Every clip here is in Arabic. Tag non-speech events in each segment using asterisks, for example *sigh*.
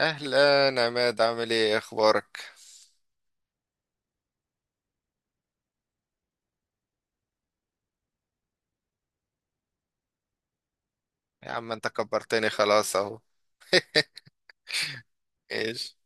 اهلا عماد، عامل ايه؟ إيه اخبارك؟ يا عم انت كبرتني خلاص اهو. ايش؟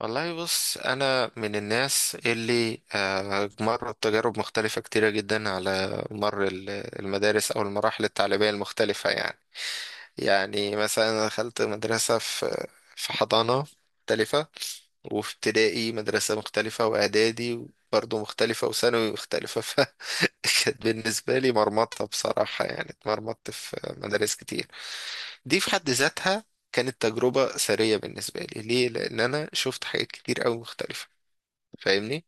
والله بص، انا من الناس اللي مرت تجارب مختلفة كتيرة جدا على مر المدارس او المراحل التعليمية المختلفة يعني. يعني مثلا أنا دخلت مدرسة في حضانة مختلفة، وفي ابتدائي مدرسة مختلفة، واعدادي برضه مختلفة، وثانوي مختلفة. *laughs* فكانت بالنسبة لي مرمطة بصراحة يعني، اتمرمطت في مدارس كتير. دي في حد ذاتها كانت تجربة ثرية بالنسبة لي. ليه؟ لأن أنا شفت حاجات كتير أوي مختلفة. فاهمني؟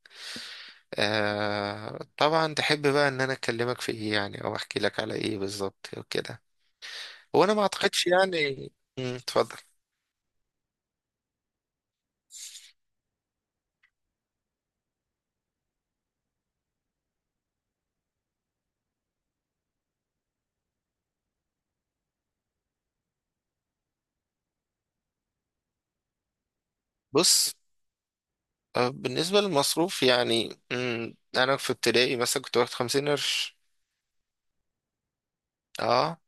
آه طبعا. تحب بقى إن أنا أكلمك في إيه يعني، أو أحكي لك على إيه بالظبط وكده؟ هو أنا ما أعتقدش يعني. مم، اتفضل. بص بالنسبة للمصروف يعني، أنا في ابتدائي مثلا كنت واخد 50 قرش. أه.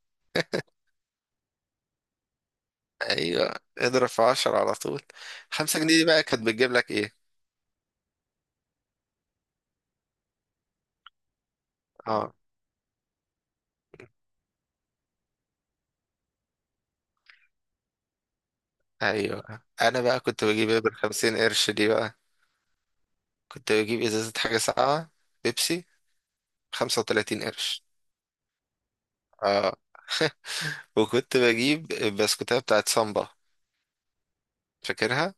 أيوه، اضرب في عشرة على طول. 5 جنيه دي بقى كانت بتجيب لك إيه؟ أه. أيوه، أنا بقى كنت بجيب إيه بالخمسين قرش دي بقى؟ كنت بجيب ازازة حاجة ساقعة، بيبسي، 35 قرش. اه. *laughs* وكنت بجيب البسكوتة بتاعت سامبا، فاكرها؟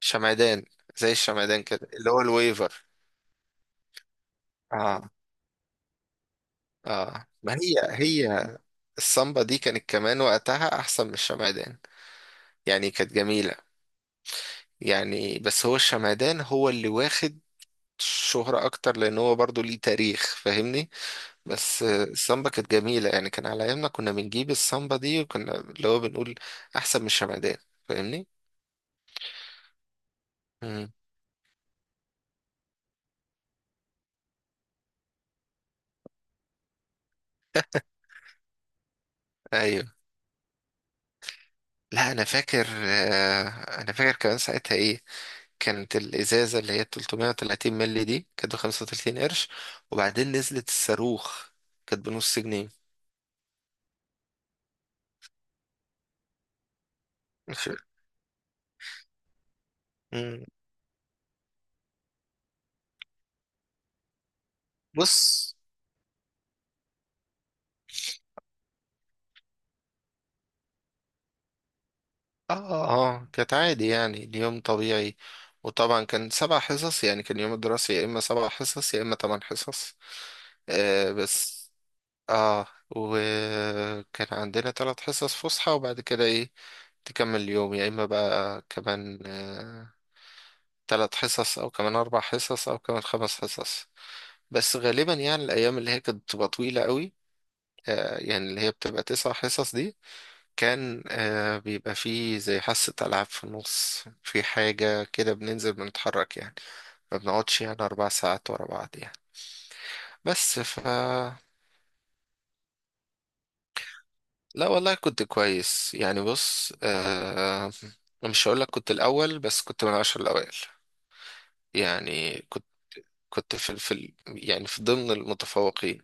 شمعدان. زي الشمعدان كده، اللي هو الويفر. اه. اه، ما هي هي. السامبا دي كانت كمان وقتها احسن من الشمعدان يعني، كانت جميلة يعني. بس هو الشمعدان هو اللي واخد شهرة اكتر لان هو برضو ليه تاريخ، فاهمني؟ بس السامبا كانت جميلة يعني، كان على أيامنا كنا بنجيب السامبا دي، وكنا اللي هو بنقول أحسن من الشمعدان. فاهمني؟ مم. أيوه. لا أنا فاكر، أنا فاكر كمان ساعتها إيه. كانت الإزازة اللي هي 330 مللي دي كانت ب 35 قرش، وبعدين نزلت الصاروخ، كانت بنص جنيه. مش- مم. بص. اه. اه، كانت عادي يعني، اليوم طبيعي. وطبعا كان 7 حصص يعني، كان يوم الدراسي يا اما 7 حصص يا اما 8 حصص. آه بس، اه، وكان عندنا 3 حصص فسحة، وبعد كده ايه، تكمل اليوم يا اما بقى كمان 3 حصص او كمان 4 حصص او كمان 5 حصص. بس غالبا يعني الايام اللي هي كانت بتبقى طويلة قوي، آه، يعني اللي هي بتبقى 9 حصص دي، كان بيبقى فيه زي حصة ألعاب في النص، في حاجة كده بننزل بنتحرك يعني، ما بنقعدش يعني 4 ساعات ورا بعض يعني. بس لا والله كنت كويس يعني. بص مش هقولك كنت الأول، بس كنت من العشر الأوائل يعني. كنت كنت في ال- في ال- يعني في ضمن المتفوقين،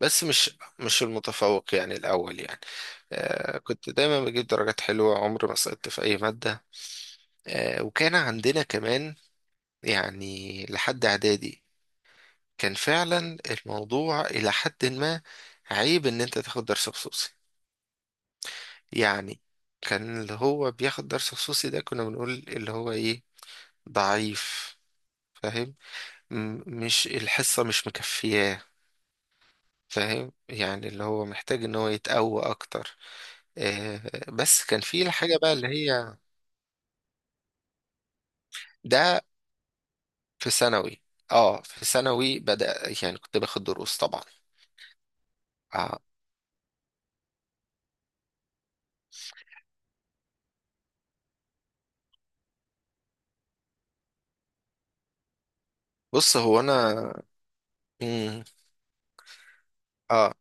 بس مش المتفوق يعني الأول يعني. آه، كنت دايما بجيب درجات حلوة، عمري ما سقطت في أي مادة. آه، وكان عندنا كمان يعني لحد اعدادي، كان فعلا الموضوع الى حد ما عيب ان انت تاخد درس خصوصي يعني. كان اللي هو بياخد درس خصوصي ده كنا بنقول اللي هو ايه؟ ضعيف. فاهم؟ مش الحصة مش مكفياه. فاهم يعني اللي هو محتاج ان هو يتقوى اكتر. آه، بس كان في الحاجة بقى اللي هي. ده في ثانوي، اه في ثانوي بدأ يعني، كنت باخد دروس طبعا. آه. بص هو انا، مم. اه،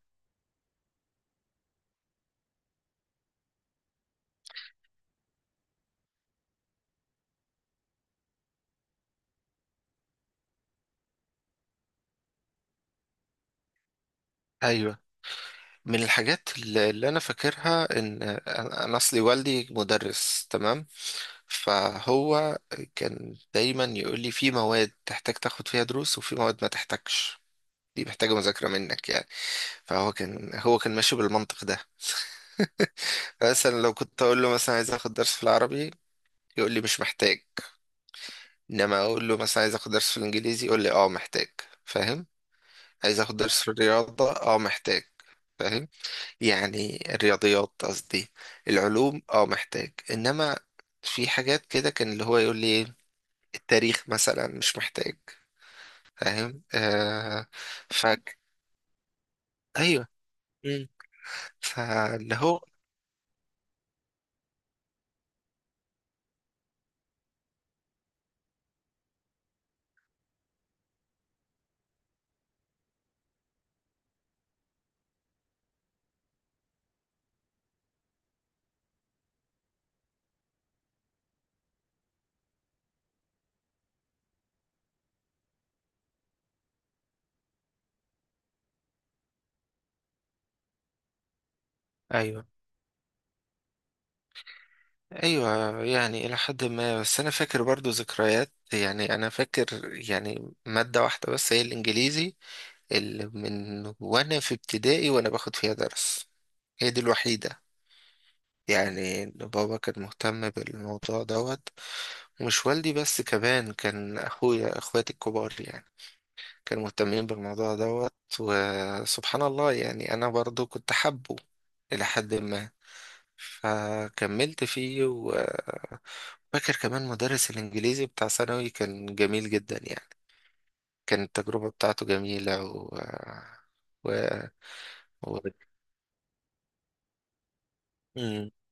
ايوه، من الحاجات اللي انا فاكرها، ان أنا اصلي والدي مدرس، تمام؟ فهو كان دايما يقول لي في مواد تحتاج تاخد فيها دروس، وفي مواد ما تحتاجش، دي محتاجه مذاكره منك يعني. فهو كان هو كان ماشي بالمنطق ده. مثلا لو كنت اقول له مثلا عايز اخد درس في العربي، يقول لي مش محتاج. انما اقول له مثلا عايز اخد درس في الانجليزي، يقول لي اه محتاج. فاهم؟ عايز اخد درس في الرياضه، اه محتاج. فاهم؟ يعني الرياضيات قصدي. العلوم، اه محتاج. انما في حاجات كده كان اللي هو يقول لي التاريخ مثلا مش محتاج. فاهم؟ آه. فك ايوه. مم. فاللي هو، ايوه ايوه. يعني الى حد ما، بس انا فاكر برضو ذكريات يعني، انا فاكر يعني مادة واحدة بس هي الانجليزي، اللي من وانا في ابتدائي وانا باخد فيها درس، هي دي الوحيدة يعني. إن بابا كان مهتم بالموضوع دوت، ومش والدي بس، كمان كان أخويا أخواتي الكبار يعني كانوا مهتمين بالموضوع دوت. وسبحان الله يعني أنا برضو كنت حابه إلى حد ما، فكملت فيه فاكر كمان مدرس الإنجليزي بتاع ثانوي كان جميل جدا يعني، كانت التجربة بتاعته جميلة و... و... *laughs*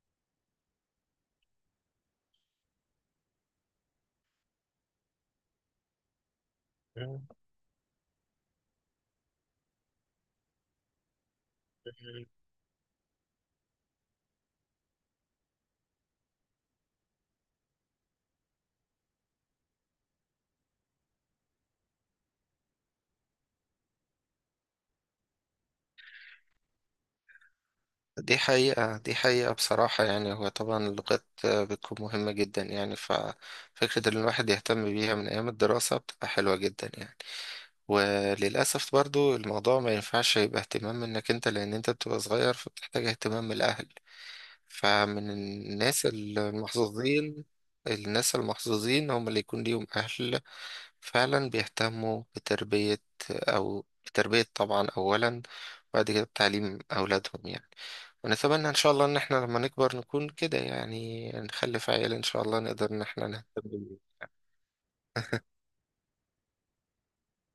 مم. دي حقيقة، دي حقيقة بصراحة يعني. هو طبعا اللغات بتكون مهمة جدا يعني، ففكرة إن الواحد يهتم بيها من أيام الدراسة بتبقى حلوة جدا يعني. وللأسف برضو الموضوع ما ينفعش يبقى اهتمام منك أنت، لأن أنت بتبقى صغير، فبتحتاج اهتمام من الأهل. فمن الناس المحظوظين، الناس المحظوظين هم اللي يكون ليهم أهل فعلا بيهتموا بتربية، أو بتربية طبعا أولا، وبعد كده بتعليم أولادهم يعني. ونتمنى إن شاء الله إن إحنا لما نكبر نكون كده يعني، نخلف عيال إن شاء الله نقدر إن إحنا نهتم بيهم يعني.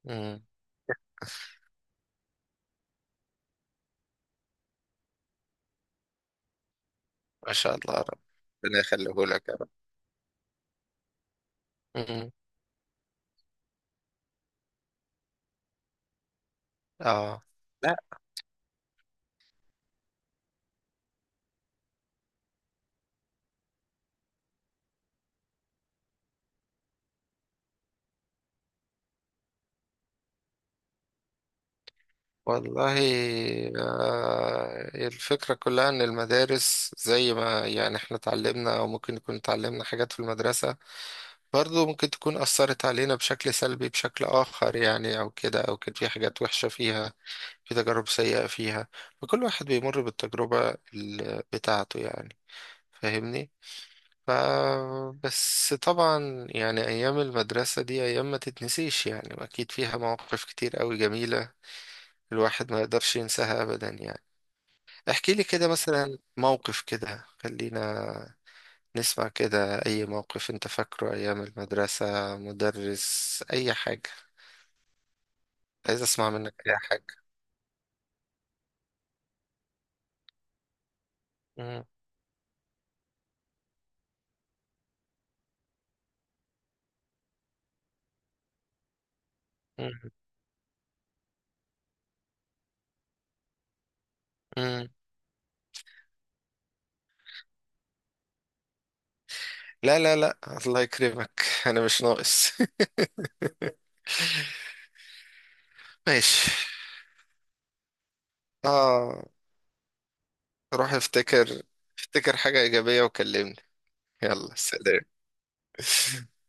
مم. ما شاء الله يا رب، ربنا يخليه لك يا رب. مم. آه. والله الفكرة كلها إن المدارس زي ما يعني إحنا اتعلمنا، أو ممكن نكون اتعلمنا حاجات في المدرسة برضو ممكن تكون أثرت علينا بشكل سلبي بشكل آخر يعني، أو كده، أو كان في حاجات وحشة فيها، في تجارب سيئة فيها. فكل واحد بيمر بالتجربة بتاعته يعني. فاهمني؟ ف بس طبعا يعني أيام المدرسة دي أيام ما تتنسيش يعني، أكيد فيها مواقف كتير أوي جميلة الواحد ما يقدرش ينساها أبدا يعني. احكي لي كده مثلا موقف كده، خلينا نسمع كده، اي موقف انت فاكره ايام المدرسة، مدرس، اي حاجة، عايز اسمع منك اي حاجة. مم. مم. مم. لا لا لا، الله يكرمك. *laughs* انا مش ناقص. *laughs* ماشي. اه، روح افتكر، افتكر حاجة ايجابية وكلمني. يلا سلام. *laughs*